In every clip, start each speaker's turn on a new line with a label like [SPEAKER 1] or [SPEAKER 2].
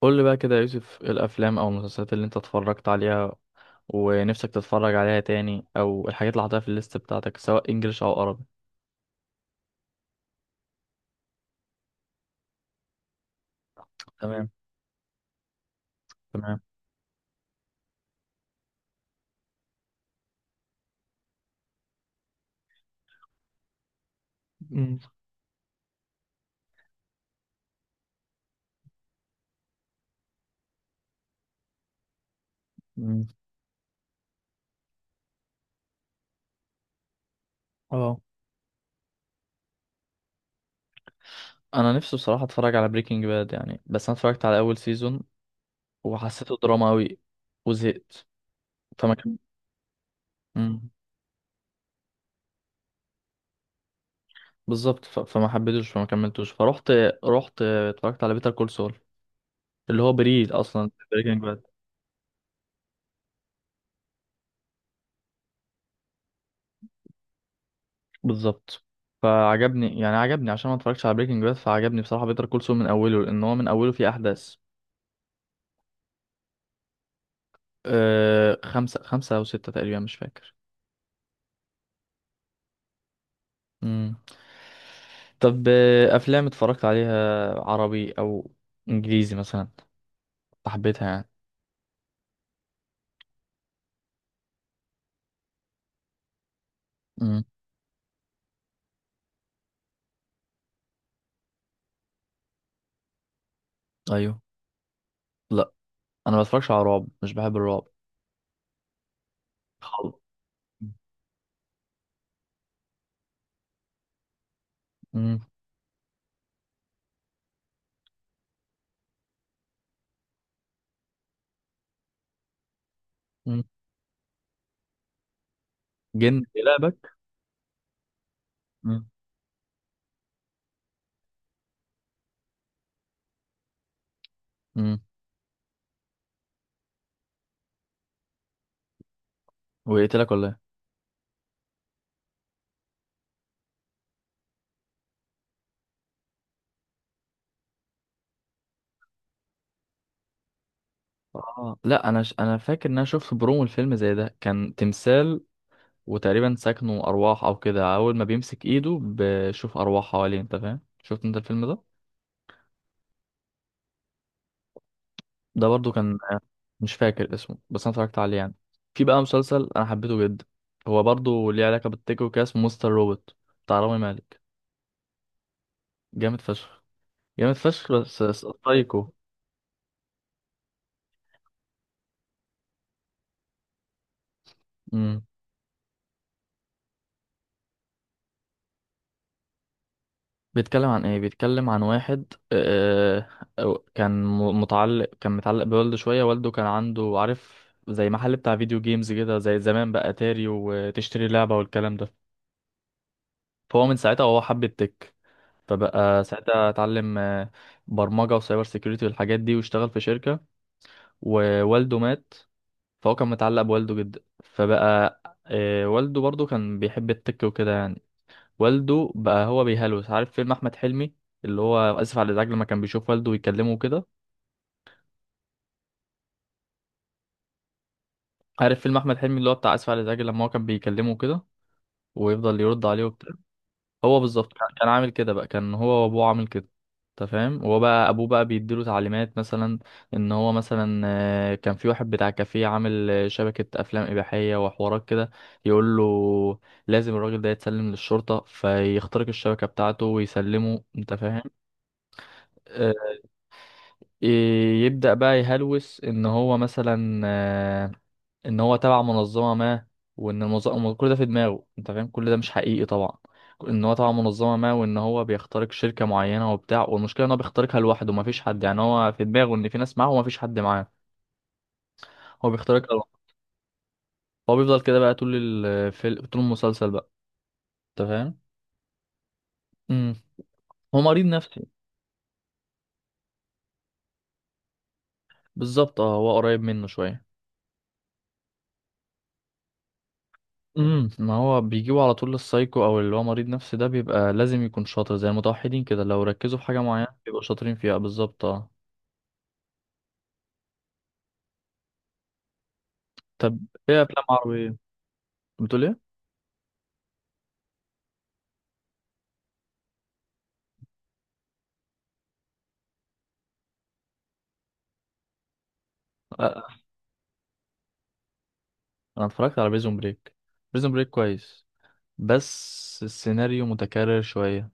[SPEAKER 1] قول لي بقى كده يا يوسف، إيه الافلام او المسلسلات اللي انت اتفرجت عليها ونفسك تتفرج عليها تاني، او الحاجات اللي حاططها في الليست بتاعتك سواء انجليش او عربي. تمام. تمام. امم. مم. اه، انا نفسي بصراحه اتفرج على بريكنج باد يعني، بس انا اتفرجت على اول سيزون وحسيته دراما قوي وزهقت. فما كم... مم. بالظبط. فما حبيتوش، فما كملتوش، رحت اتفرجت على بيتر كول سول، اللي هو بريد اصلا بريكنج. بالظبط. فعجبني يعني عجبني عشان ما اتفرجتش على بريكنج باد، فعجبني بصراحة بيتر كول سول من أوله، لأن هو من أوله فيه أحداث. أه، خمسة أو ستة تقريبا، مش فاكر. مم. طب، أفلام اتفرجت عليها عربي أو إنجليزي مثلا، حبيتها يعني؟ مم. أيوه. لا، أنا ما بتفرجش على رعب، مش بحب الرعب خالص. مم. مم. جن يلعبك. مم. مم. ويقتلك ولا إيه؟ آه. لا، أنا فاكر إن أنا شفت برومو الفيلم زي ده، كان تمثال وتقريبا سكنه أرواح أو كده، أول ما بيمسك إيده بشوف أرواح حواليه، أنت فاهم؟ شفت أنت الفيلم ده؟ ده برضو كان. مش فاكر اسمه، بس أنا اتفرجت عليه يعني. في بقى مسلسل أنا حبيته جدا، هو برضو ليه علاقة بالتيك وكده، اسمه مستر روبوت بتاع رامي مالك. جامد فشخ. جامد فشخ، بس. سايكو. بيتكلم عن ايه؟ بيتكلم عن واحد، متعلق كان متعلق بوالده شوية، والده كان عنده عارف زي محل بتاع فيديو جيمز كده، زي زمان بقى اتاري وتشتري لعبة والكلام ده. فهو من ساعتها وهو حب التك، فبقى ساعتها اتعلم برمجة وسايبر سيكيورتي والحاجات دي، واشتغل في شركة، ووالده مات. فهو كان متعلق بوالده جدا، فبقى والده برضه كان بيحب التك وكده يعني. والده بقى، هو بيهلوس، عارف فيلم احمد حلمي اللي هو اسف على الازعاج، لما كان بيشوف والده ويكلمه كده؟ عارف فيلم احمد حلمي اللي هو بتاع اسف على الازعاج، لما هو كان بيكلمه كده ويفضل يرد عليه وبتاع؟ هو بالظبط كان عامل كده بقى، كان هو وابوه عامل كده. انت فاهم؟ هو بقى، ابوه بقى بيديله تعليمات مثلا، ان هو مثلا كان في واحد بتاع كافيه عامل شبكة افلام اباحية وحوارات كده، يقول له لازم الراجل ده يتسلم للشرطة، فيخترق الشبكة بتاعته ويسلمه. انت فاهم؟ آه، يبدأ بقى يهلوس ان هو مثلا ان هو تبع منظمة ما، وان المنظمة، كل ده في دماغه، انت فاهم، كل ده مش حقيقي طبعا، ان هو تبع منظمة ما، وان هو بيخترق شركة معينة وبتاع. والمشكلة ان هو بيخترقها لوحده، مفيش حد، يعني هو في دماغه ان في ناس معاه ومفيش حد معاه، هو بيخترقها لوحده. هو بيفضل كده بقى طول الفيلم، طول المسلسل بقى، انت فاهم؟ امم. هو مريض نفسي. بالظبط، اه، هو قريب منه شوية. امم. ما هو بيجيبوا على طول للسايكو، او اللي هو مريض نفسي ده بيبقى لازم يكون شاطر، زي المتوحدين كده، لو ركزوا في حاجه معينه بيبقوا شاطرين فيها، بالظبط اه. طب ايه افلام عربيه، بتقول ايه؟ آه. انا اتفرجت على بريزون بريك. بريزون بريك كويس، بس السيناريو متكرر شويه،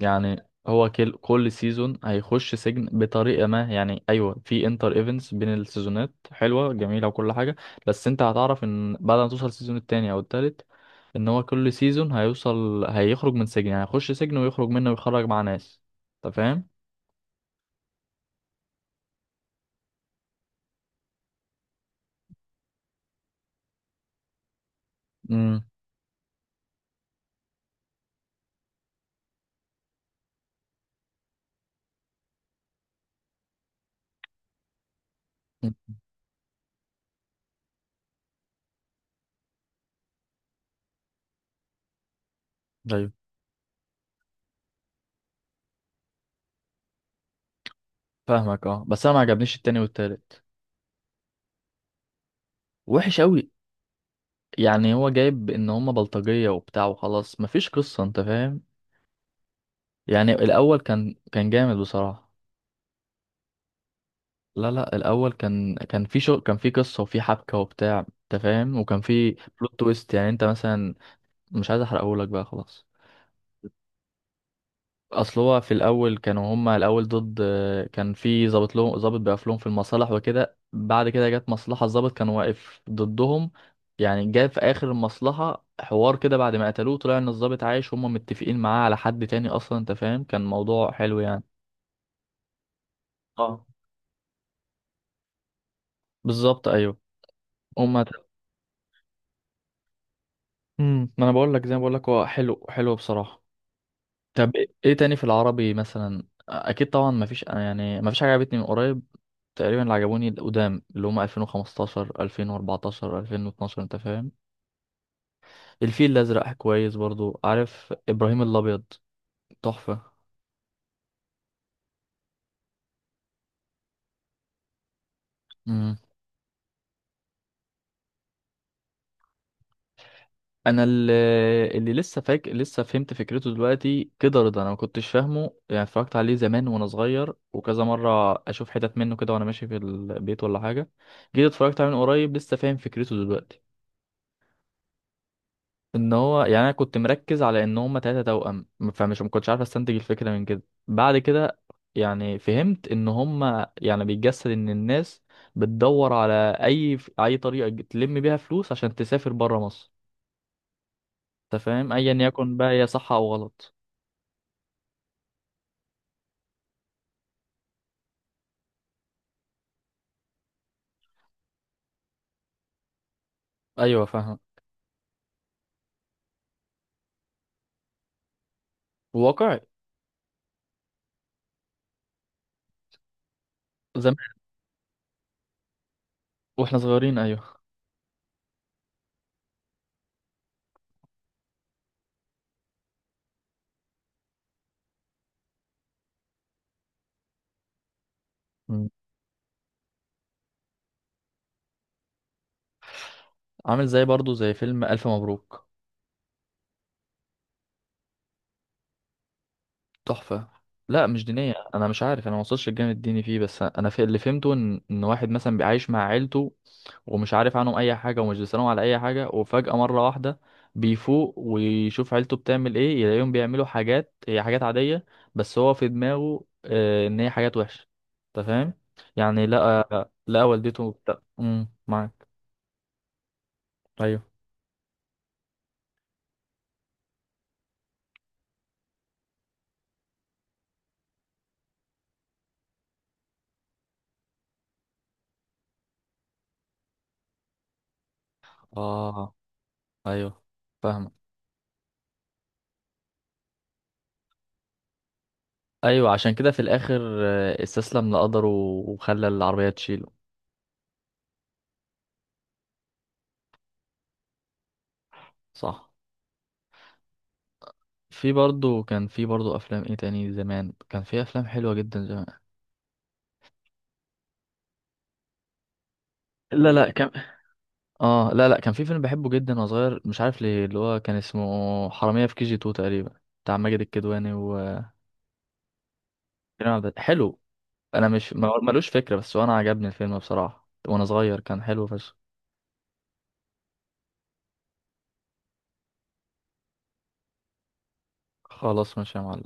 [SPEAKER 1] يعني هو كل سيزون هيخش سجن بطريقه ما، يعني ايوه في انتر ايفنتس بين السيزونات حلوه جميله وكل حاجه، بس انت هتعرف ان بعد ما توصل السيزون التاني او التالت، ان هو كل سيزون هيوصل، هيخرج من سجن، يعني هيخش سجن ويخرج منه، ويخرج مع ناس. انت فاهم؟ امم. مم. ايوه فاهمك. اه. بس انا ما عجبنيش التاني والتالت، وحش قوي، يعني هو جايب ان هما بلطجية وبتاع وخلاص، مفيش قصة، انت فاهم؟ يعني الاول كان جامد بصراحة. لا لا، الاول كان في شو، كان في قصة وفي حبكة وبتاع، انت فاهم، وكان في بلوت تويست. يعني انت مثلا مش عايز احرقهولك بقى خلاص. اصل هو في الاول كانوا هما الاول ضد، كان في ظابط لهم، ظابط بيقف لهم في المصالح وكده، بعد كده جت مصلحه، الظابط كان واقف ضدهم، يعني جه في اخر المصلحه حوار كده، بعد ما قتلوه طلع ان الظابط عايش، هما متفقين معاه على حد تاني اصلا، انت فاهم، كان موضوع حلو يعني. اه. بالظبط، ايوه، هما. امم. ما انا بقول لك، زي ما بقول لك، هو حلو حلو بصراحه. طب إيه تاني في العربي مثلا؟ اكيد طبعا ما فيش، انا يعني ما فيش حاجه عجبتني من قريب تقريبا، اللي عجبوني القدام اللي هم 2015 2014 2012، انت فاهم. الفيل الازرق كويس برضو، عارف ابراهيم الابيض، تحفه. امم. انا اللي, اللي لسه فاك لسه فهمت فكرته دلوقتي كده رضا، انا ما كنتش فاهمه يعني، اتفرجت عليه زمان وانا صغير، وكذا مره اشوف حتت منه كده وانا ماشي في البيت ولا حاجه، جيت اتفرجت عليه من قريب لسه فاهم فكرته دلوقتي. ان هو يعني، انا كنت مركز على ان هما تلاتة توأم، ما كنتش عارف استنتج الفكرة من كده. بعد كده يعني فهمت ان هما يعني بيتجسد ان الناس بتدور على اي طريقة تلم بيها فلوس عشان تسافر برا مصر. انت فاهم، ايا يكن بقى هي صح او غلط. ايوه فاهم. واقعي. زمان. واحنا صغيرين، ايوه. مم. عامل زي، برضو زي فيلم الف مبروك. تحفة. لا مش دينية، انا مش عارف، انا ما وصلتش الجانب الديني فيه، بس انا في اللي فهمته ان واحد مثلا بيعيش مع عيلته، ومش عارف عنهم اي حاجه، ومش بيسالهم على اي حاجه، وفجاه مره واحده بيفوق ويشوف عيلته بتعمل ايه، يلاقيهم بيعملوا حاجات، هي حاجات عاديه، بس هو في دماغه ان هي حاجات وحشه، انت فاهم؟ يعني لقى والدته امم، معاك؟ ايوه. اه ايوه، فاهمك. ايوه، عشان كده في الاخر استسلم لقدره، وخلى العربيه تشيله. صح. في برضه، كان في برضه افلام ايه تاني؟ زمان كان في افلام حلوه جدا زمان. لا لا، كان. اه، لا لا، كان في فيلم بحبه جدا وانا صغير، مش عارف ليه، اللي هو كان اسمه حرامية في كي جي 2 تقريبا، بتاع ماجد الكدواني وكريم حلو. انا مش ملوش فكرة، بس وانا عجبني الفيلم بصراحة، وانا صغير كان حلو فشخ. خلاص ماشي يا معلم.